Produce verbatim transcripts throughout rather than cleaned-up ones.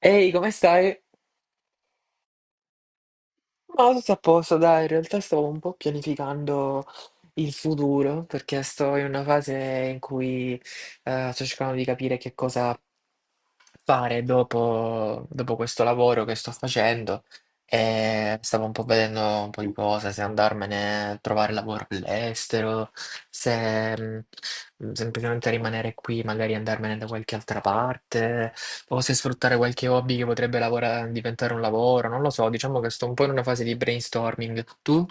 Ehi, come stai? Ma tutto a posto, dai, in realtà stavo un po' pianificando il futuro perché sto in una fase in cui eh, sto cercando di capire che cosa fare dopo, dopo questo lavoro che sto facendo e stavo un po' vedendo un po' di cose, se andarmene a trovare lavoro all'estero, se mh, semplicemente rimanere qui, magari andarmene da qualche altra parte, o se sfruttare qualche hobby che potrebbe lavora- diventare un lavoro, non lo so, diciamo che sto un po' in una fase di brainstorming. Tu?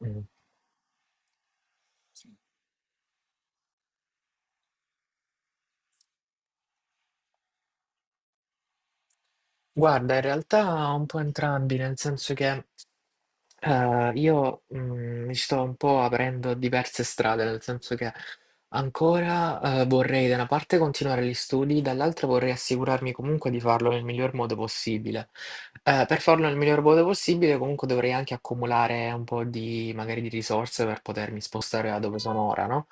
Mm. Guarda, in realtà un po' entrambi, nel senso che eh, io mm, mi sto un po' aprendo a diverse strade, nel senso che ancora eh, vorrei da una parte continuare gli studi, dall'altra vorrei assicurarmi comunque di farlo nel miglior modo possibile. Eh, per farlo nel miglior modo possibile, comunque dovrei anche accumulare un po' di magari di risorse per potermi spostare da dove sono ora, no?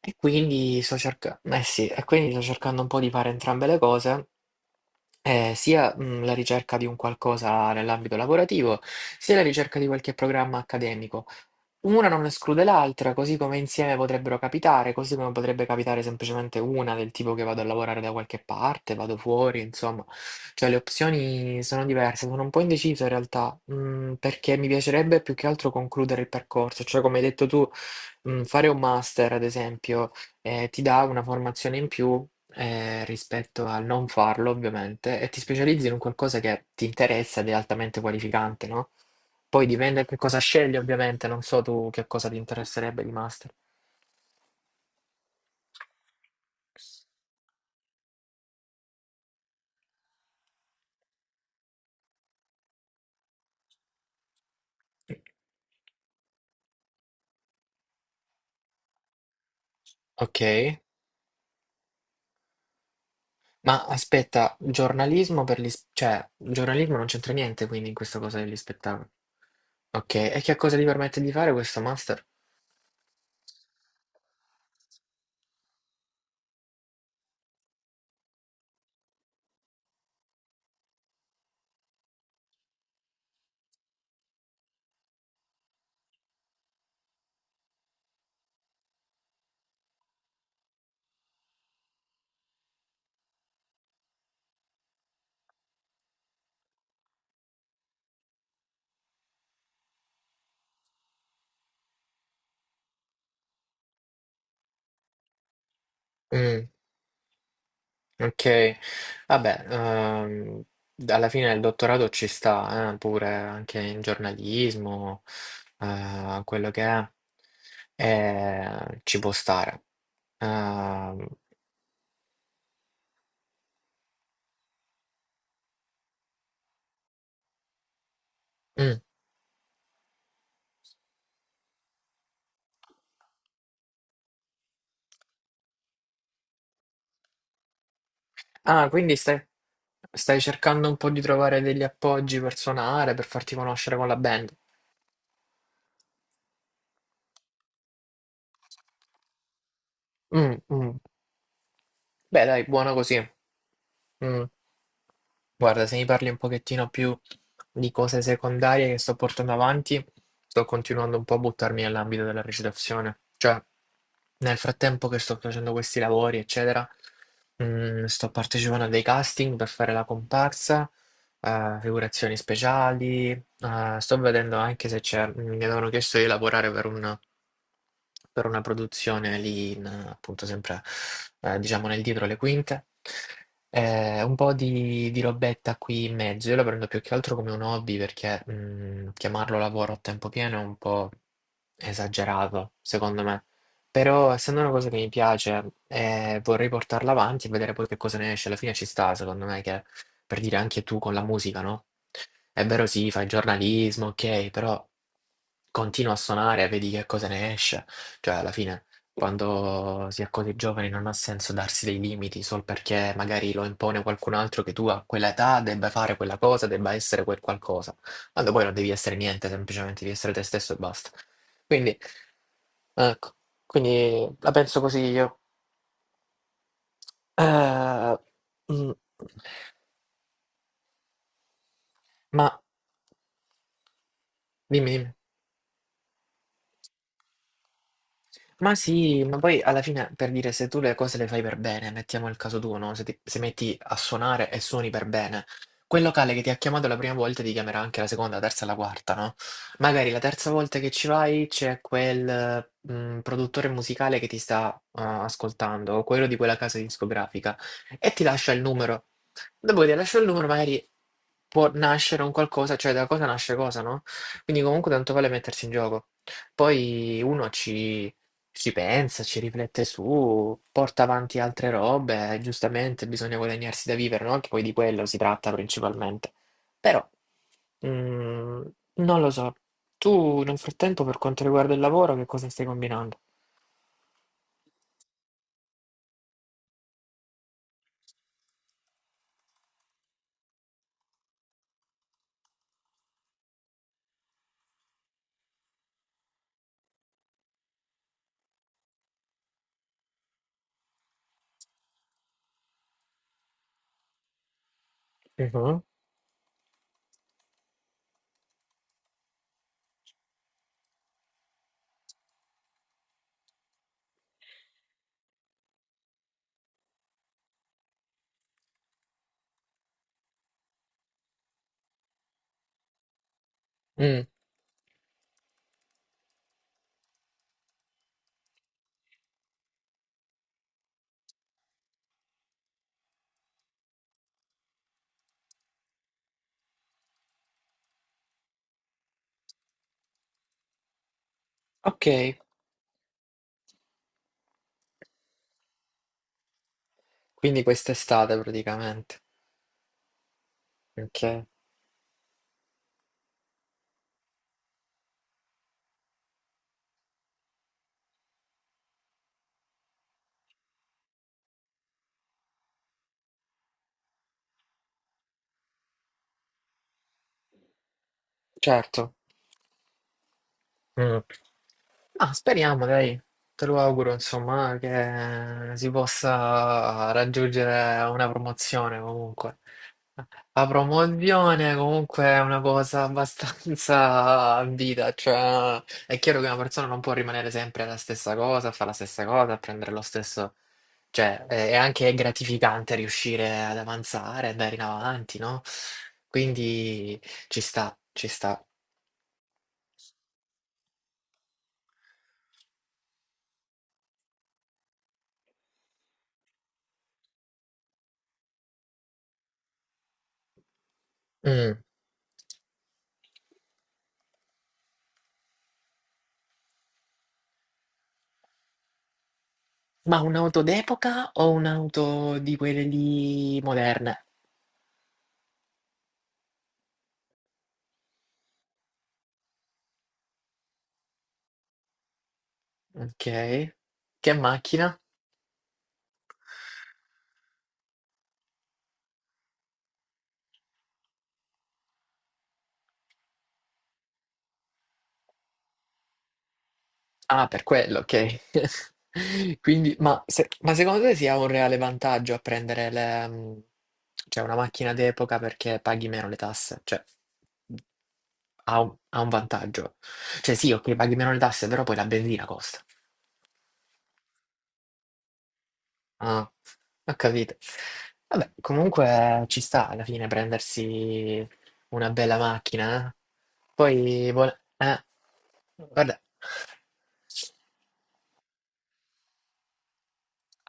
E quindi sto cerca- eh sì, e quindi sto cercando un po' di fare entrambe le cose eh, sia mm, la ricerca di un qualcosa nell'ambito lavorativo, sia la ricerca di qualche programma accademico. Una non esclude l'altra, così come insieme potrebbero capitare, così come potrebbe capitare semplicemente una del tipo che vado a lavorare da qualche parte, vado fuori, insomma. Cioè le opzioni sono diverse, sono un po' indeciso in realtà, mm, perché mi piacerebbe più che altro concludere il percorso, cioè come hai detto tu, mm, fare un master, ad esempio, eh, ti dà una formazione in più. Eh, rispetto al non farlo, ovviamente, e ti specializzi in un qualcosa che ti interessa ed è altamente qualificante, no? Poi dipende che cosa scegli, ovviamente, non so tu che cosa ti interesserebbe di master. Ok, ma aspetta, giornalismo per gli... s- cioè, il giornalismo non c'entra niente quindi in questa cosa degli spettacoli. Ok, e che cosa ti permette di fare questo master? Mm. Ok, vabbè, ehm, alla fine il dottorato ci sta, eh, pure anche in giornalismo, eh, quello che è, eh, ci può stare. Ehm, mm. Ah, quindi stai, stai cercando un po' di trovare degli appoggi per suonare, per farti conoscere con la band. Mm, mm. Beh, dai, buono così. Mm. Guarda, se mi parli un pochettino più di cose secondarie che sto portando avanti, sto continuando un po' a buttarmi nell'ambito della recitazione. Cioè, nel frattempo che sto facendo questi lavori, eccetera, mm, sto partecipando a dei casting per fare la comparsa, eh, figurazioni speciali, Ah, sto vedendo anche se c'è, mi avevano chiesto di lavorare per una, per una produzione lì, in, appunto, sempre eh, diciamo nel dietro le quinte. Eh, un po' di, di robetta qui in mezzo. Io la prendo più che altro come un hobby perché mh, chiamarlo lavoro a tempo pieno è un po' esagerato, secondo me. Però, essendo una cosa che mi piace, eh, vorrei portarla avanti e vedere poi che cosa ne esce. Alla fine ci sta, secondo me, che per dire anche tu con la musica, no? È vero, sì, fai giornalismo, ok, però continua a suonare, vedi che cosa ne esce. Cioè, alla fine, quando si è così giovani, non ha senso darsi dei limiti solo perché magari lo impone qualcun altro che tu a quell'età debba fare quella cosa, debba essere quel qualcosa. Quando poi non devi essere niente, semplicemente devi essere te stesso e basta. Quindi, ecco, quindi la penso così io. Eh, mm, ma dimmi, dimmi. Ma sì, ma poi alla fine per dire se tu le cose le fai per bene, mettiamo il caso tuo, no? Se ti se metti a suonare e suoni per bene, quel locale che ti ha chiamato la prima volta ti chiamerà anche la seconda, la terza, la quarta, no? Magari la terza volta che ci vai c'è quel mm, produttore musicale che ti sta uh, ascoltando, o quello di quella casa discografica, e ti lascia il numero. Dopo che ti lascia il numero, magari può nascere un qualcosa, cioè da cosa nasce cosa, no? Quindi comunque tanto vale mettersi in gioco. Poi uno ci ci pensa, ci riflette su, porta avanti altre robe, giustamente bisogna guadagnarsi da vivere, no? Anche poi di quello si tratta principalmente. Però, mm, non lo so. Tu nel frattempo, per quanto riguarda il lavoro, che cosa stai combinando? Mhm. Mm, ok, quindi quest'estate praticamente. Ok, certo. Mm. Ah, speriamo, dai. Te lo auguro, insomma, che si possa raggiungere una promozione comunque. La promozione comunque è una cosa abbastanza ambita, cioè è chiaro che una persona non può rimanere sempre la stessa cosa, fare la stessa cosa, prendere lo stesso, cioè è è anche gratificante riuscire ad avanzare, andare in avanti, no? Quindi ci sta, ci sta. Mm. Ma un'auto d'epoca o un'auto di quelle lì moderne? Ok. Che macchina? Ah, per quello, ok. Quindi, ma, se- ma secondo te sia un reale vantaggio a prendere le, mm, cioè una macchina d'epoca perché paghi meno le tasse? Cioè, ha un, ha un vantaggio. Cioè, sì, ok, paghi meno le tasse, però poi la benzina costa. Ah, ho capito. Vabbè, comunque ci sta alla fine prendersi una bella macchina. Eh. Poi, vuole- eh, guarda.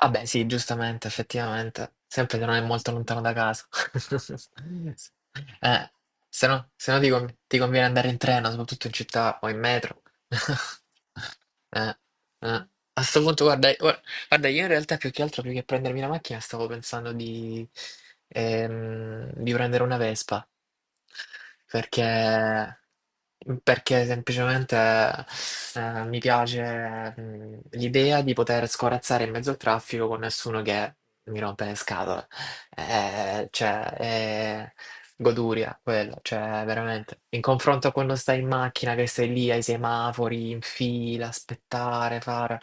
Ah beh, sì, giustamente, effettivamente. Sempre che non è molto lontano da casa. Eh, se no, se no ti, con- ti conviene andare in treno, soprattutto in città o in metro. Eh, eh. A sto punto, guarda, guarda, io in realtà più che altro, più che prendermi la macchina, stavo pensando di, ehm, di prendere una Vespa, perché, perché semplicemente eh, mi piace mm, l'idea di poter scorazzare in mezzo al traffico con nessuno che mi rompe le scatole. Eh, cioè, è goduria quello, cioè veramente. In confronto a quando stai in macchina, che stai lì ai semafori, in fila, aspettare, fare...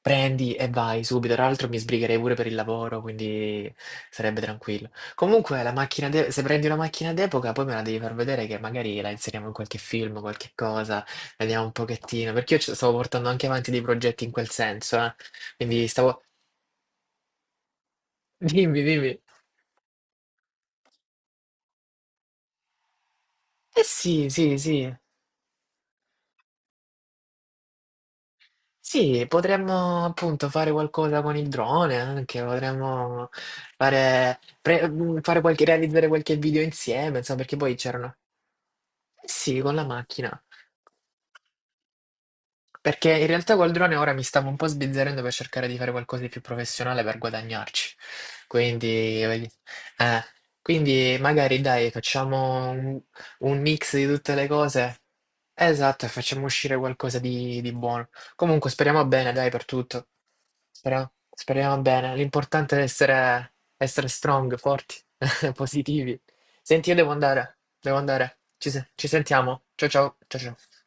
Prendi e vai subito. Tra l'altro mi sbrigherei pure per il lavoro, quindi sarebbe tranquillo. Comunque, la macchina de- se prendi una macchina d'epoca, poi me la devi far vedere che magari la inseriamo in qualche film, qualche cosa, vediamo un pochettino. Perché io ci stavo portando anche avanti dei progetti in quel senso, eh. Quindi stavo... Dimmi, dimmi. Eh sì, sì, sì. Sì, potremmo appunto fare qualcosa con il drone anche, potremmo fare, pre- mh, fare qualche, realizzare qualche video insieme, insomma, perché poi c'erano. Sì, con la macchina. Perché in realtà col drone ora mi stavo un po' sbizzarrendo per cercare di fare qualcosa di più professionale per guadagnarci. Quindi, voglio- eh, quindi magari dai, facciamo un, un mix di tutte le cose. Esatto, e facciamo uscire qualcosa di, di buono. Comunque speriamo bene, dai, per tutto. Speriamo, speriamo bene. L'importante è essere, essere strong, forti, positivi. Senti, io devo andare, devo andare. Ci, se- ci sentiamo. Ciao ciao, ciao ciao.